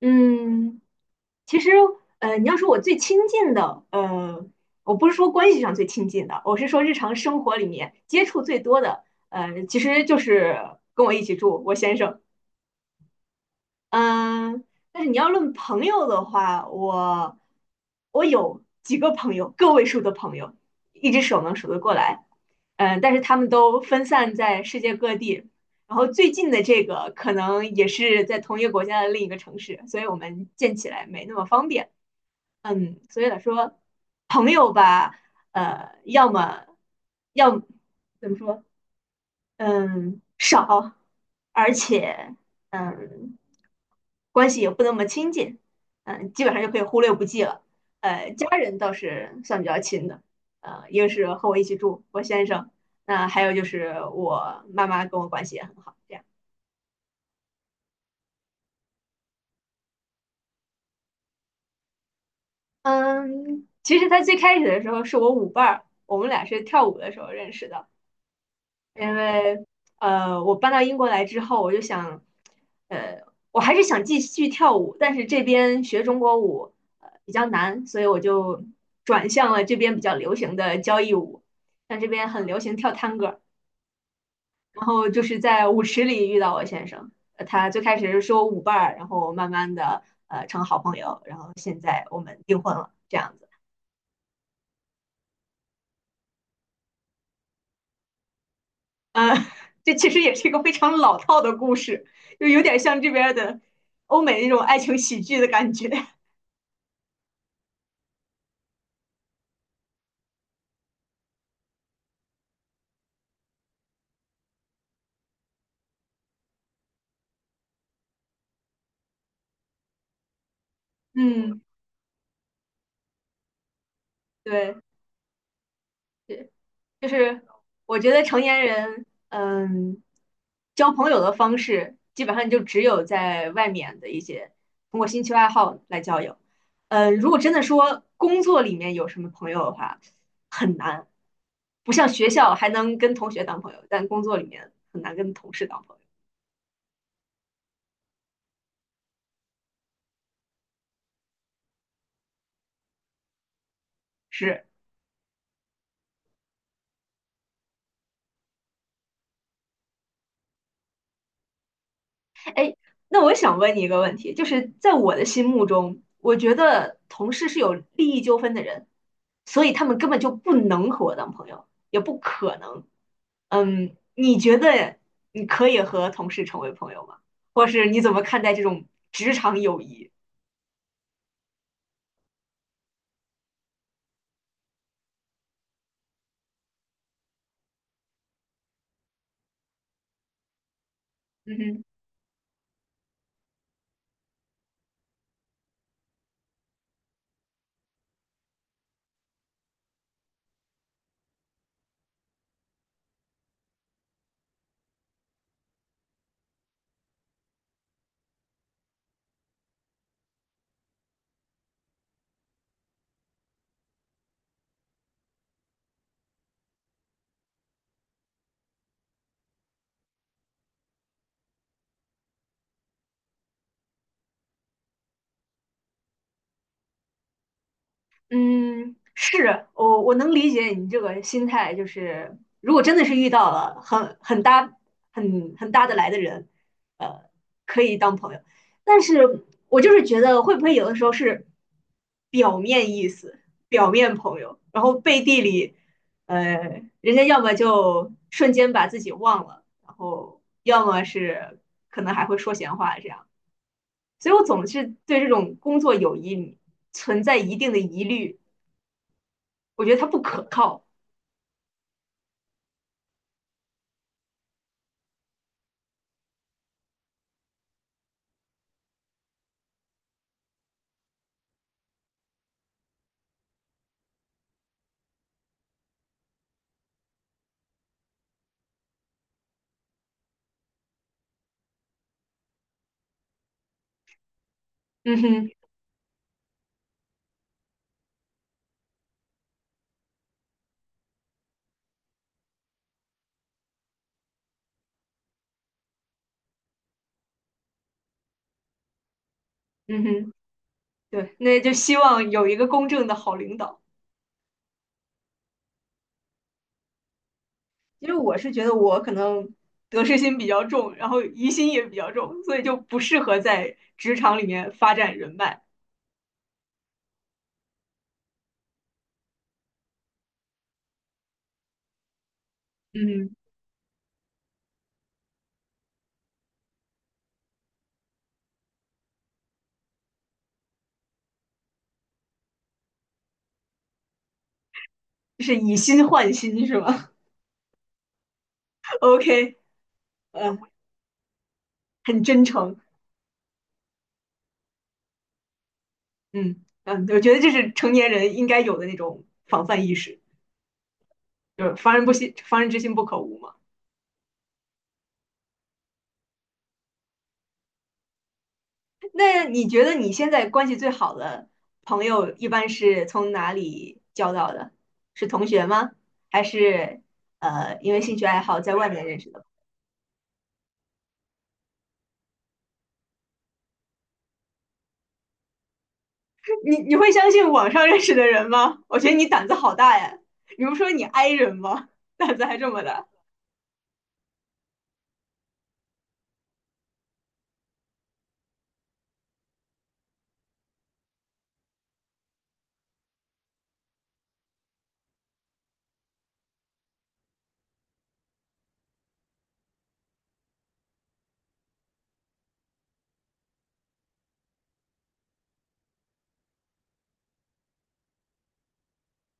嗯，其实，你要说我最亲近的，我不是说关系上最亲近的，我是说日常生活里面接触最多的，其实就是跟我一起住我先生。嗯，但是你要论朋友的话，我有几个朋友，个位数的朋友，一只手能数得过来。嗯，但是他们都分散在世界各地，然后最近的这个可能也是在同一个国家的另一个城市，所以我们见起来没那么方便。嗯，所以来说，朋友吧，要么要么怎么说？嗯，少，而且嗯，关系也不那么亲近，嗯，基本上就可以忽略不计了。家人倒是算比较亲的，一个是和我一起住，我先生，那、还有就是我妈妈跟我关系也很好，这样。嗯，其实他最开始的时候是我舞伴儿，我们俩是跳舞的时候认识的。因为我搬到英国来之后，我就想，呃，我还是想继续跳舞，但是这边学中国舞呃比较难，所以我就转向了这边比较流行的交谊舞，像这边很流行跳探戈，然后就是在舞池里遇到我先生，呃他最开始是说舞伴儿，然后慢慢的呃成好朋友，然后现在我们订婚了，这样子。呃，这其实也是一个非常老套的故事，就有点像这边儿的欧美那种爱情喜剧的感觉。嗯，对，对，就是我觉得成年人，嗯，交朋友的方式基本上就只有在外面的一些通过兴趣爱好来交友。如果真的说工作里面有什么朋友的话，很难，不像学校还能跟同学当朋友，但工作里面很难跟同事当朋友。是。哎，那我想问你一个问题，就是在我的心目中，我觉得同事是有利益纠纷的人，所以他们根本就不能和我当朋友，也不可能。嗯，你觉得你可以和同事成为朋友吗？或是你怎么看待这种职场友谊？嗯哼。嗯，是我能理解你这个心态，就是如果真的是遇到了很搭很搭得来的人，呃，可以当朋友。但是我就是觉得会不会有的时候是表面意思，表面朋友，然后背地里，人家要么就瞬间把自己忘了，然后要么是可能还会说闲话这样。所以我总是对这种工作友谊存在一定的疑虑。我觉得他不可靠。嗯哼，嗯哼，对，那就希望有一个公正的好领导。其实我是觉得我可能得失心比较重，然后疑心也比较重，所以就不适合在职场里面发展人脉。嗯，就是以心换心是吗 ？OK，嗯、呃很真诚。嗯嗯，我觉得这是成年人应该有的那种防范意识，就是防人不心，防人之心不可无嘛。那你觉得你现在关系最好的朋友一般是从哪里交到的？是同学吗？还是因为兴趣爱好在外面认识的？你会相信网上认识的人吗？我觉得你胆子好大呀！你不说你 i 人吗？胆子还这么大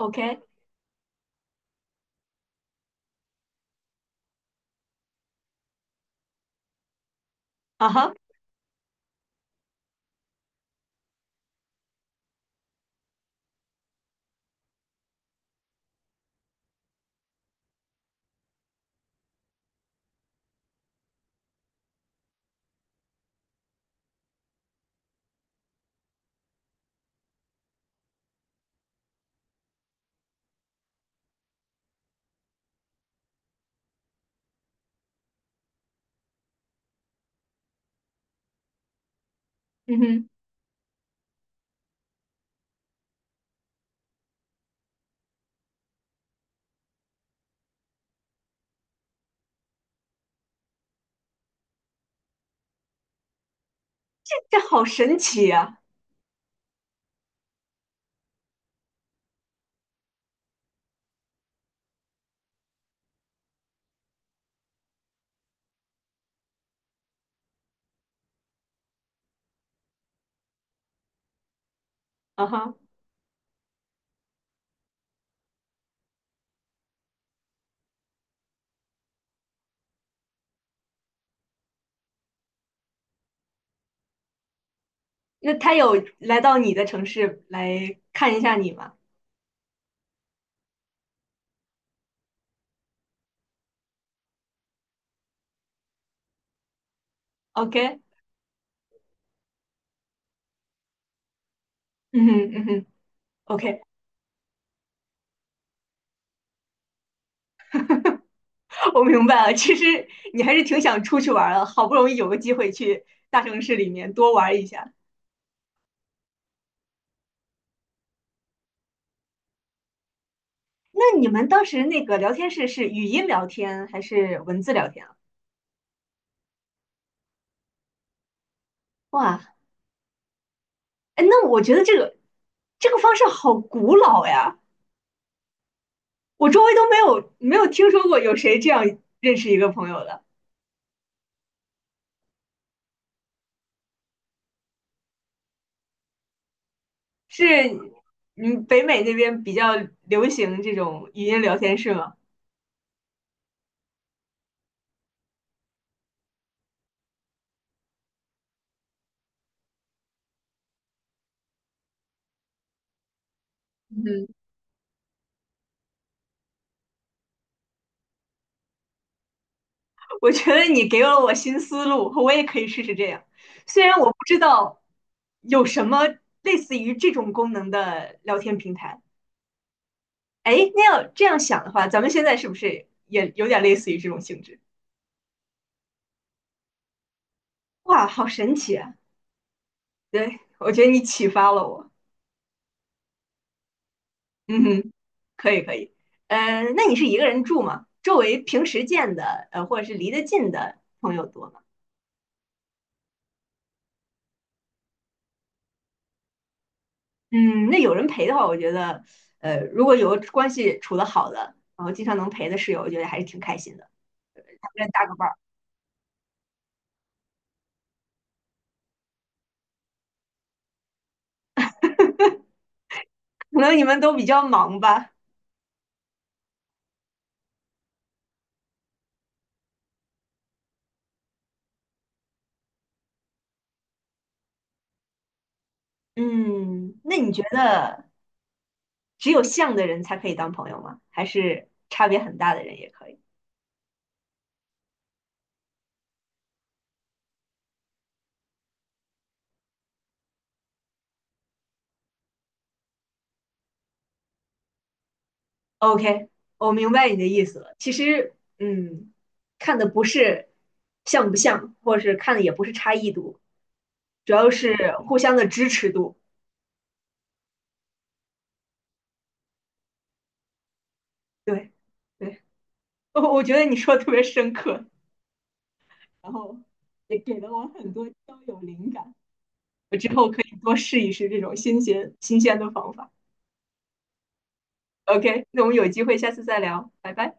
？OK，啊哈，嗯哼，这好神奇呀！啊哈，那他有来到你的城市来看一下你吗？OK，嗯哼嗯哼。OK，我明白了，其实你还是挺想出去玩儿的，好不容易有个机会去大城市里面多玩一下。那你们当时那个聊天室是语音聊天还是文字聊天啊？哇，哎，那我觉得这个方式好古老呀，我周围都没有听说过有谁这样认识一个朋友的。是，嗯，北美那边比较流行这种语音聊天室吗？嗯，我觉得你给了我新思路，我也可以试试这样。虽然我不知道有什么类似于这种功能的聊天平台。哎，那要这样想的话，咱们现在是不是也有点类似于这种性质？哇，好神奇啊！对，我觉得你启发了我。嗯哼，可以可以。呃，那你是一个人住吗？周围平时见的，或者是离得近的朋友多吗？嗯，那有人陪的话，我觉得，如果有关系处得好的，然后经常能陪的室友，我觉得还是挺开心的，还能搭个伴儿。可能你们都比较忙吧。嗯，那你觉得只有像的人才可以当朋友吗？还是差别很大的人也可以？OK，我明白你的意思了。其实，嗯，看的不是像不像，或者是看的也不是差异度，主要是互相的支持度。对，对，我觉得你说的特别深刻。然后也给了我很多交友灵感。我之后可以多试一试这种新鲜的方法。OK，那我们有机会下次再聊，拜拜。